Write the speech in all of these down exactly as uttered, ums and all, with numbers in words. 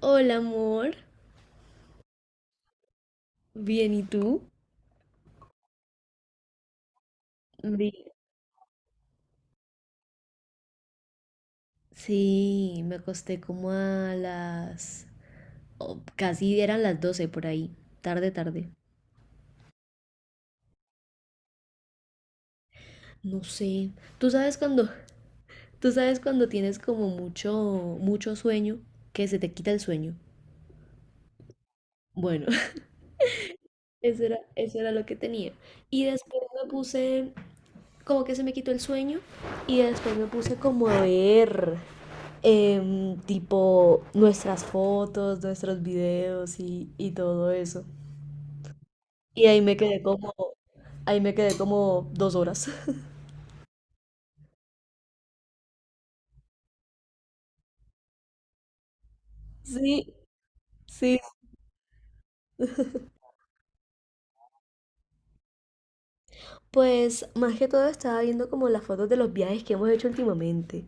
Hola, amor. Bien, ¿y tú? Bien. Sí, me acosté como a las... o casi eran las doce por ahí. Tarde, tarde. No sé. Tú sabes cuando... Tú sabes cuando tienes como mucho, mucho sueño, que se te quita el sueño. Bueno, eso era, eso era lo que tenía. Y después me puse... Como que se me quitó el sueño. Y después me puse como a ver. Em, tipo nuestras fotos, nuestros videos y, y todo eso. Y ahí me quedé como, ahí me quedé como dos horas. Sí, sí. Pues más que todo estaba viendo como las fotos de los viajes que hemos hecho últimamente.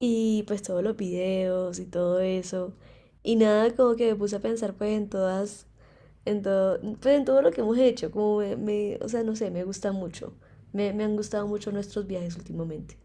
Y pues todos los videos y todo eso. Y nada, como que me puse a pensar pues en todas, en todo, pues en todo lo que hemos hecho. Como me, me- o sea, no sé, me gusta mucho. Me, me han gustado mucho nuestros viajes últimamente.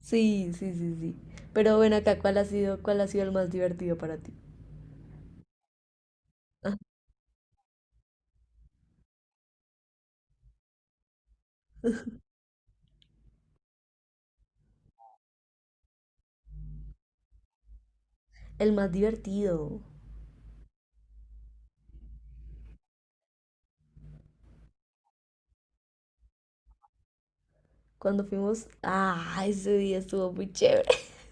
Sí, sí, sí, sí. Pero bueno, acá, ¿cuál ha sido, ¿cuál ha sido el más divertido para ti? Ah, el más divertido. Cuando fuimos, ah, ese día estuvo muy chévere.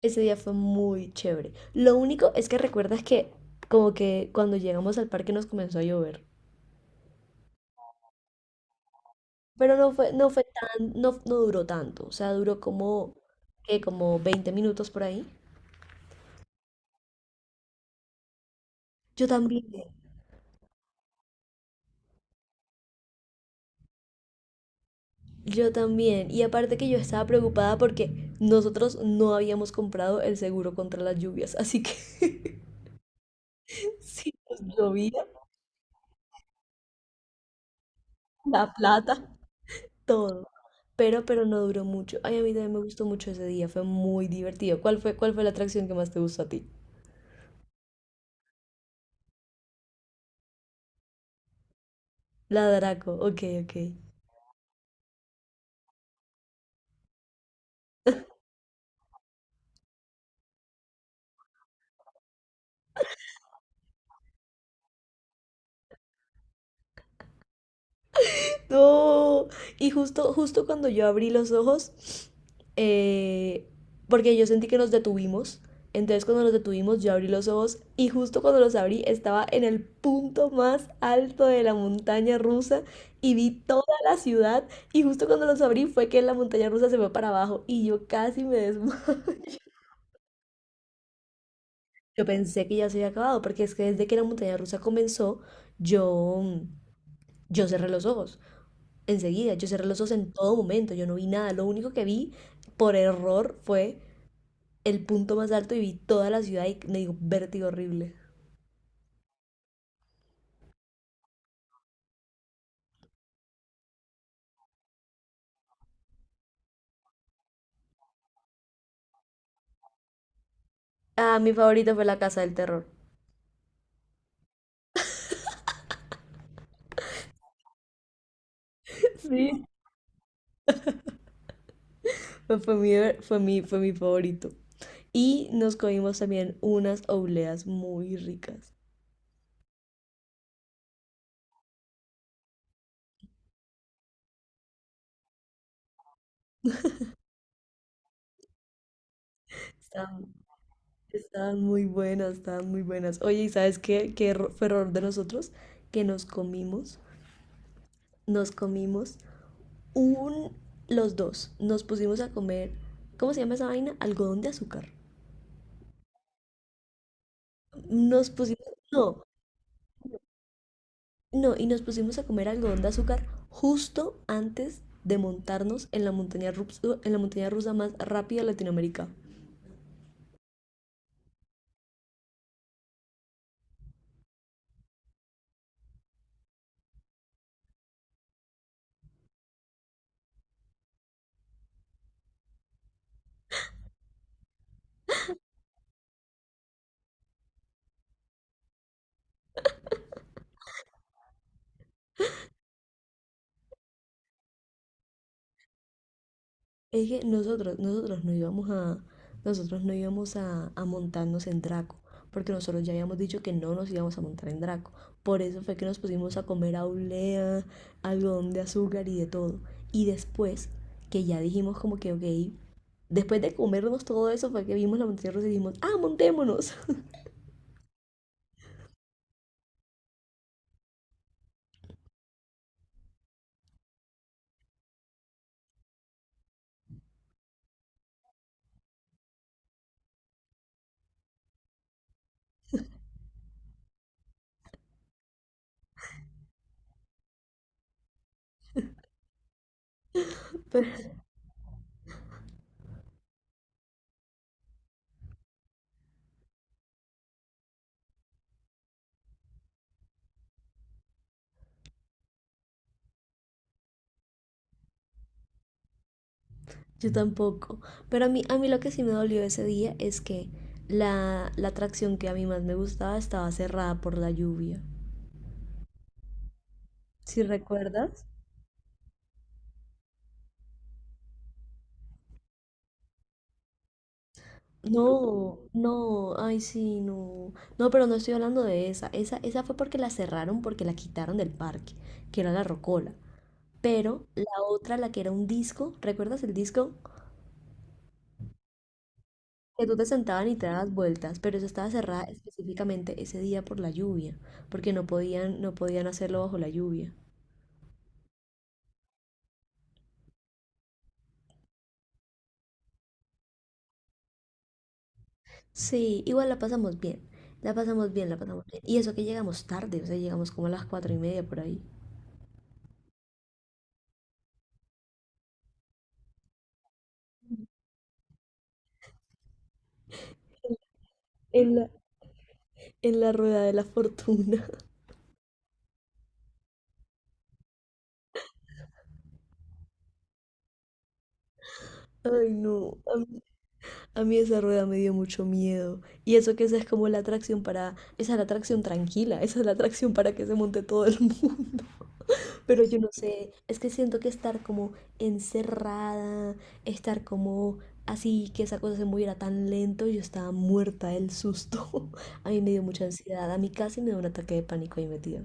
Ese día fue muy chévere. Lo único es que recuerdas que como que cuando llegamos al parque nos comenzó a llover. Pero no fue, no fue tan, no, no duró tanto. O sea, duró como, ¿qué? Como veinte minutos por ahí. Yo también. Yo también. Y aparte que yo estaba preocupada porque nosotros no habíamos comprado el seguro contra las lluvias. Así que si nos llovía, la plata, todo. Pero, pero no duró mucho. Ay, a mí también me gustó mucho ese día. Fue muy divertido. ¿Cuál fue, ¿cuál fue la atracción que más te gustó a ti? La Draco. Ok, ok. No. Y justo, justo cuando yo abrí los ojos, eh, porque yo sentí que nos detuvimos. Entonces cuando nos detuvimos, yo abrí los ojos y justo cuando los abrí estaba en el punto más alto de la montaña rusa y vi toda la ciudad y justo cuando los abrí fue que la montaña rusa se fue para abajo y yo casi me desmayé. Yo pensé que ya se había acabado porque es que desde que la montaña rusa comenzó, yo, yo cerré los ojos. Enseguida, yo cerré los ojos en todo momento, yo no vi nada, lo único que vi por error fue el punto más alto y vi toda la ciudad y me dio vértigo horrible. Ah, mi favorito fue la casa del terror. Sí. Fue fue mi, fue mi, fue mi favorito. Y nos comimos también unas obleas muy ricas. Estaban, estaban muy buenas, estaban muy buenas. Oye, ¿y sabes qué? ¿Qué erro- ¿fue error de nosotros? Que nos comimos, nos comimos un, los dos nos pusimos a comer, ¿cómo se llama esa vaina? Algodón de azúcar. Nos pusimos, no, no, y nos pusimos a comer algodón de azúcar justo antes de montarnos en la montaña rusa, en la montaña rusa más rápida de Latinoamérica. Es que nosotros, nosotros no íbamos a, nosotros no íbamos a, a montarnos en Draco, porque nosotros ya habíamos dicho que no nos íbamos a montar en Draco. Por eso fue que nos pusimos a comer aulea, algodón de azúcar y de todo. Y después, que ya dijimos como que, ok, después de comernos todo eso fue que vimos la montaña rusa y dijimos, ah, montémonos. Pero yo tampoco. Pero a mí, a mí lo que sí me dolió ese día es que la, la atracción que a mí más me gustaba estaba cerrada por la lluvia. ¿Si recuerdas? No, no, ay sí, no. No, pero no estoy hablando de esa. Esa, esa fue porque la cerraron, porque la quitaron del parque, que era la Rocola. Pero la otra, la que era un disco, ¿recuerdas el disco? Que tú te sentaban y te dabas vueltas, pero esa estaba cerrada específicamente ese día por la lluvia, porque no podían, no podían hacerlo bajo la lluvia. Sí, igual la pasamos bien, la pasamos bien, la pasamos bien. Y eso que llegamos tarde, o sea, llegamos como a las cuatro y media por ahí. En la, en la rueda de la fortuna. Ay, no. a A mí esa rueda me dio mucho miedo. Y eso que esa es como la atracción para... Esa es la atracción tranquila, esa es la atracción para que se monte todo el mundo. Pero yo no sé, es que siento que estar como encerrada, estar como así, que esa cosa se moviera tan lento, yo estaba muerta del susto. A mí me dio mucha ansiedad, a mí casi me dio un ataque de pánico ahí metida.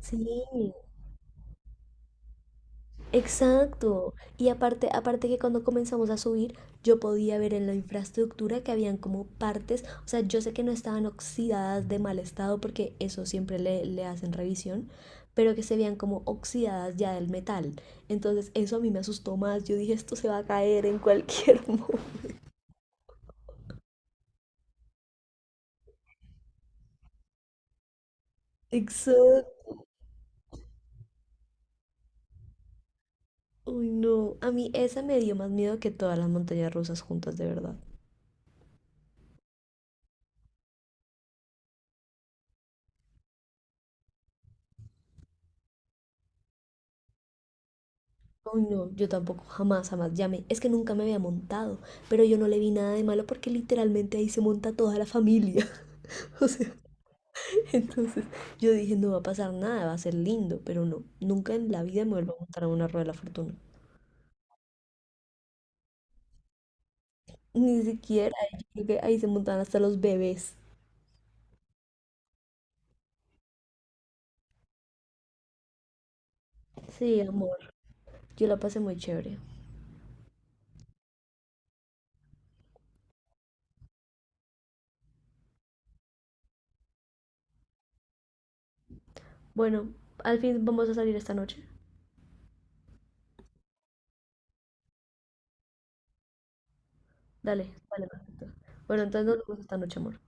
Sí, exacto. Y aparte, aparte que cuando comenzamos a subir, yo podía ver en la infraestructura que habían como partes, o sea, yo sé que no estaban oxidadas de mal estado porque eso siempre le, le hacen revisión, pero que se veían como oxidadas ya del metal. Entonces eso a mí me asustó más. Yo dije, esto se va a caer en cualquier momento. Exacto. Uy, no. A mí esa me dio más miedo que todas las montañas rusas juntas, de verdad. Oh, no, yo tampoco, jamás, jamás llamé. Es que nunca me había montado, pero yo no le vi nada de malo porque literalmente ahí se monta toda la familia. O sea, entonces yo dije, no va a pasar nada, va a ser lindo, pero no, nunca en la vida me vuelvo a montar a una rueda de la fortuna. Ni siquiera, yo creo que ahí se montan hasta los bebés. Sí, amor, yo la pasé muy chévere. Bueno, al fin vamos a salir esta noche. Dale, vale, perfecto. Bueno, entonces nos vemos esta noche, amor.